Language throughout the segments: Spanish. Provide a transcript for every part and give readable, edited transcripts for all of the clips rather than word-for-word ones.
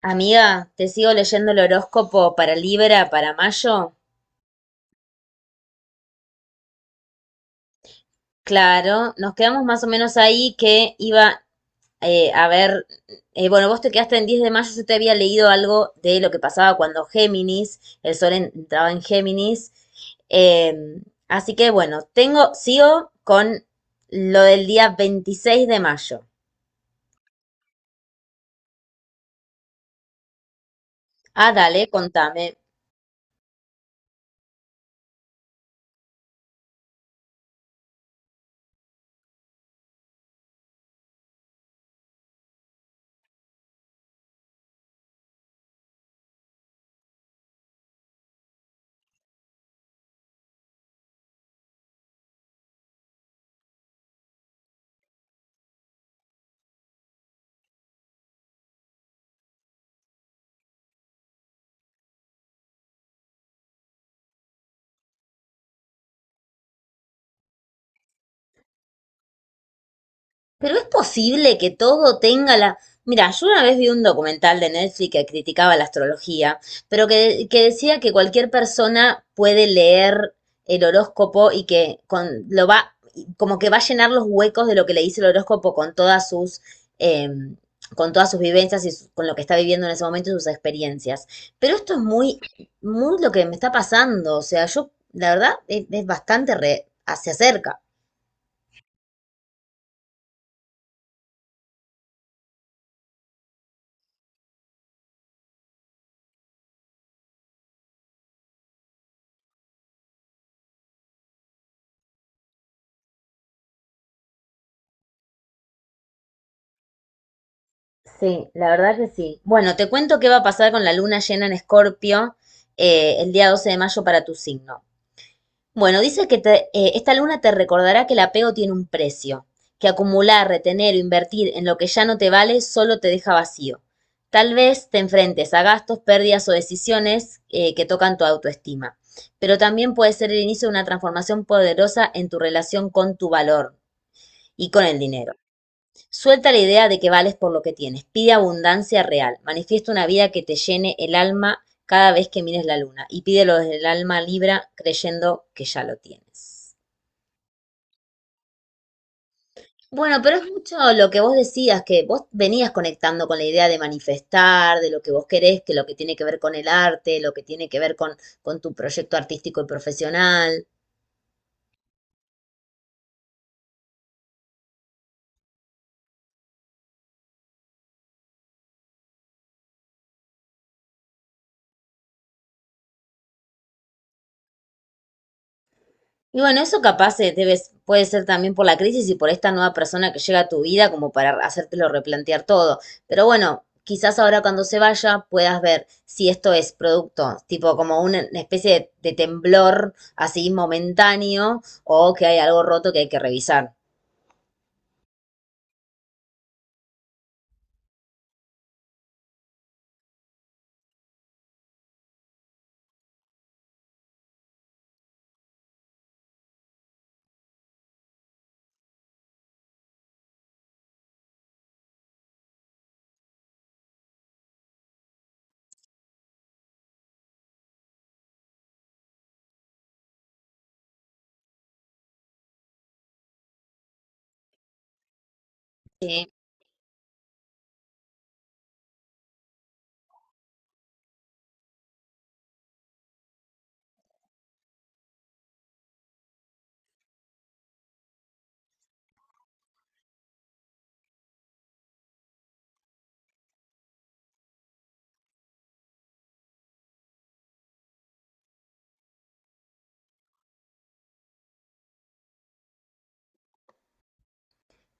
Amiga, ¿te sigo leyendo el horóscopo para Libra para mayo? Claro, nos quedamos más o menos ahí que iba. eh, a ver, bueno, vos te quedaste en 10 de mayo. Yo te había leído algo de lo que pasaba cuando Géminis, el sol entraba en Géminis. eh, Así que bueno, sigo con lo del día 26 de mayo. Ah, dale, contame. Pero es posible que todo tenga la... Mira, yo una vez vi un documental de Netflix que criticaba la astrología, pero que decía que cualquier persona puede leer el horóscopo y que como que va a llenar los huecos de lo que le dice el horóscopo eh, con todas sus vivencias y su- con lo que está viviendo en ese momento y sus experiencias. Pero esto es muy lo que me está pasando. O sea, yo, la verdad, es bastante re- hacia cerca. Sí, la verdad que sí. Bueno, te cuento qué va a pasar con la luna llena en Escorpio el día 12 de mayo para tu signo. Bueno, dice que te- esta luna te recordará que el apego tiene un precio, que acumular, retener o invertir en lo que ya no te vale solo te deja vacío. Tal vez te enfrentes a gastos, pérdidas o decisiones que tocan tu autoestima, pero también puede ser el inicio de una transformación poderosa en tu relación con tu valor y con el dinero. Suelta la idea de que vales por lo que tienes, pide abundancia real, manifiesta una vida que te llene el alma cada vez que mires la luna y pídelo desde el alma libra creyendo que ya lo tienes. Bueno, pero es mucho lo que vos decías, que vos venías conectando con la idea de manifestar, de lo que vos querés, que lo que tiene que ver con el arte, lo que tiene que ver con tu proyecto artístico y profesional. Y bueno, eso capaz debe- puede ser también por la crisis y por esta nueva persona que llega a tu vida como para hacértelo replantear todo. Pero bueno, quizás ahora cuando se vaya puedas ver si esto es producto, tipo como una especie de temblor así momentáneo o que hay algo roto que hay que revisar. Sí.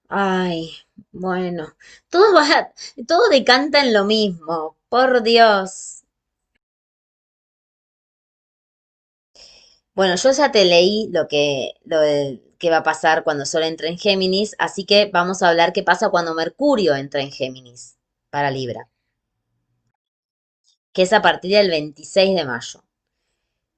Ay, bueno, todo va, todo decanta en lo mismo, por Dios. Bueno, yo ya te leí lo del- que va a pasar cuando Sol entre en Géminis, así que vamos a hablar qué pasa cuando Mercurio entra en Géminis para Libra, que es a partir del 26 de mayo.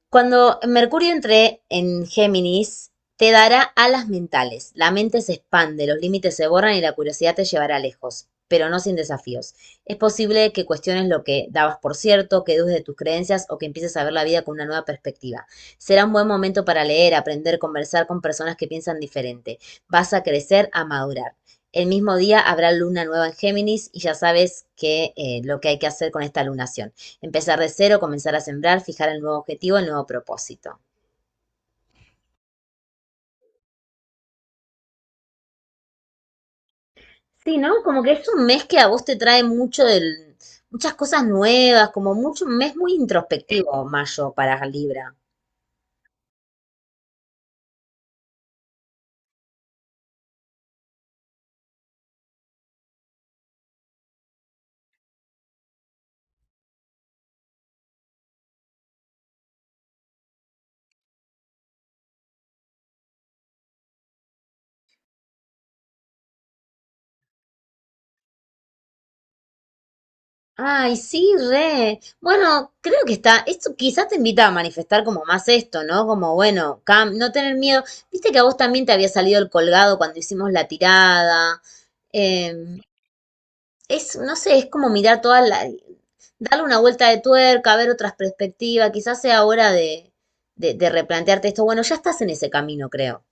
Cuando Mercurio entre en Géminis, te dará alas mentales. La mente se expande, los límites se borran y la curiosidad te llevará lejos, pero no sin desafíos. Es posible que cuestiones lo que dabas por cierto, que dudes de tus creencias o que empieces a ver la vida con una nueva perspectiva. Será un buen momento para leer, aprender, conversar con personas que piensan diferente. Vas a crecer, a madurar. El mismo día habrá luna nueva en Géminis y ya sabes que lo que hay que hacer con esta lunación. Empezar de cero, comenzar a sembrar, fijar el nuevo objetivo, el nuevo propósito. Sí, ¿no? Como que es un mes que a vos te trae mucho muchas cosas nuevas, como mucho, un mes muy introspectivo, mayo, para Libra. Ay, sí, re. Bueno, creo que está. Esto quizás te invita a manifestar como más esto, ¿no? Como, bueno, Cam, no tener miedo. Viste que a vos también te había salido el colgado cuando hicimos la tirada. Em, no sé, es como mirar toda la, darle una vuelta de tuerca, ver otras perspectivas. Quizás sea hora de replantearte esto. Bueno, ya estás en ese camino, creo.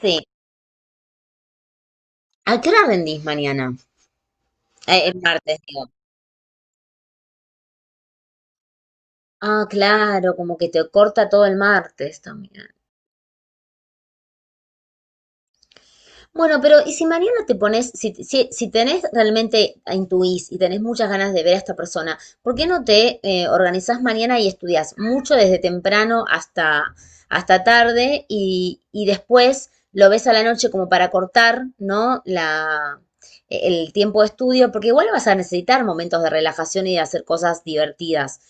Sí. ¿A qué hora rendís mañana? El martes, digo. Ah, claro, como que te corta todo el martes también. Bueno, pero y si mañana te pones, si tenés realmente ah, intuís y tenés muchas ganas de ver a esta persona, ¿por qué no te organizás mañana y estudias mucho desde temprano hasta tarde y después lo ves a la noche como para cortar, ¿no? El tiempo de estudio, porque igual vas a necesitar momentos de relajación y de hacer cosas divertidas.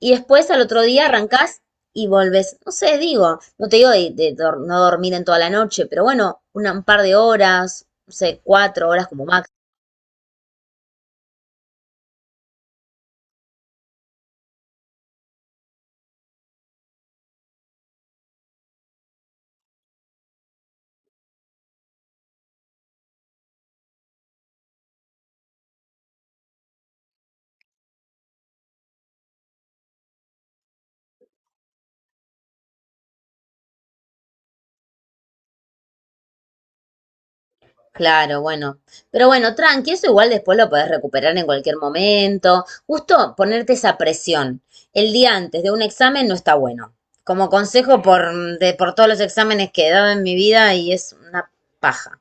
Y después al otro día arrancás y volvés, no sé, digo, no te digo no dormir en toda la noche, pero bueno, una- un par de horas, no sé, cuatro horas como máximo. Claro, bueno. Pero bueno, tranqui, eso igual después lo podés recuperar en cualquier momento. Justo ponerte esa presión el día antes de un examen no está bueno. Como consejo por todos los exámenes que he dado en mi vida y es una paja.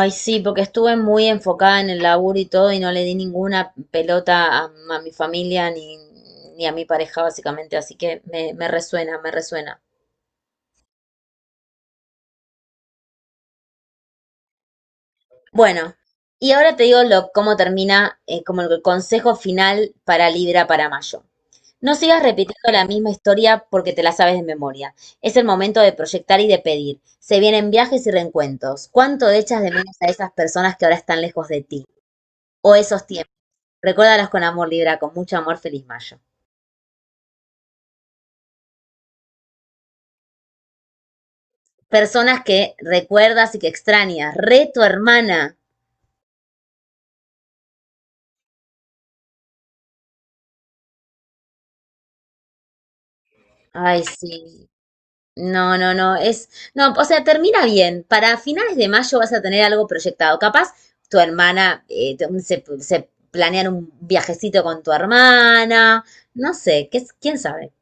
Ay, sí, porque estuve muy enfocada en el laburo y todo y no le di ninguna pelota a mi familia ni a mi pareja, básicamente, así que me resuena, me resuena. Bueno, y ahora te digo lo, cómo termina, como el consejo final para Libra para mayo. No sigas repitiendo la misma historia porque te la sabes de memoria. Es el momento de proyectar y de pedir. Se vienen viajes y reencuentros. ¿Cuánto echas de menos a esas personas que ahora están lejos de ti? O esos tiempos. Recuérdalos con amor, Libra, con mucho amor, feliz mayo. Personas que recuerdas y que extrañas. Re tu hermana. Ay, sí. No, no, no. Es. No, o sea, termina bien. Para finales de mayo vas a tener algo proyectado. Capaz tu hermana se planean un viajecito con tu hermana. No sé, quién sabe.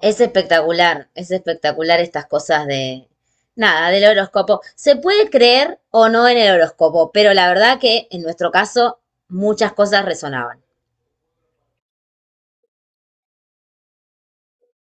Es espectacular estas cosas de. Nada, del horóscopo. Se puede creer o no en el horóscopo, pero la verdad que en nuestro caso muchas cosas resonaban.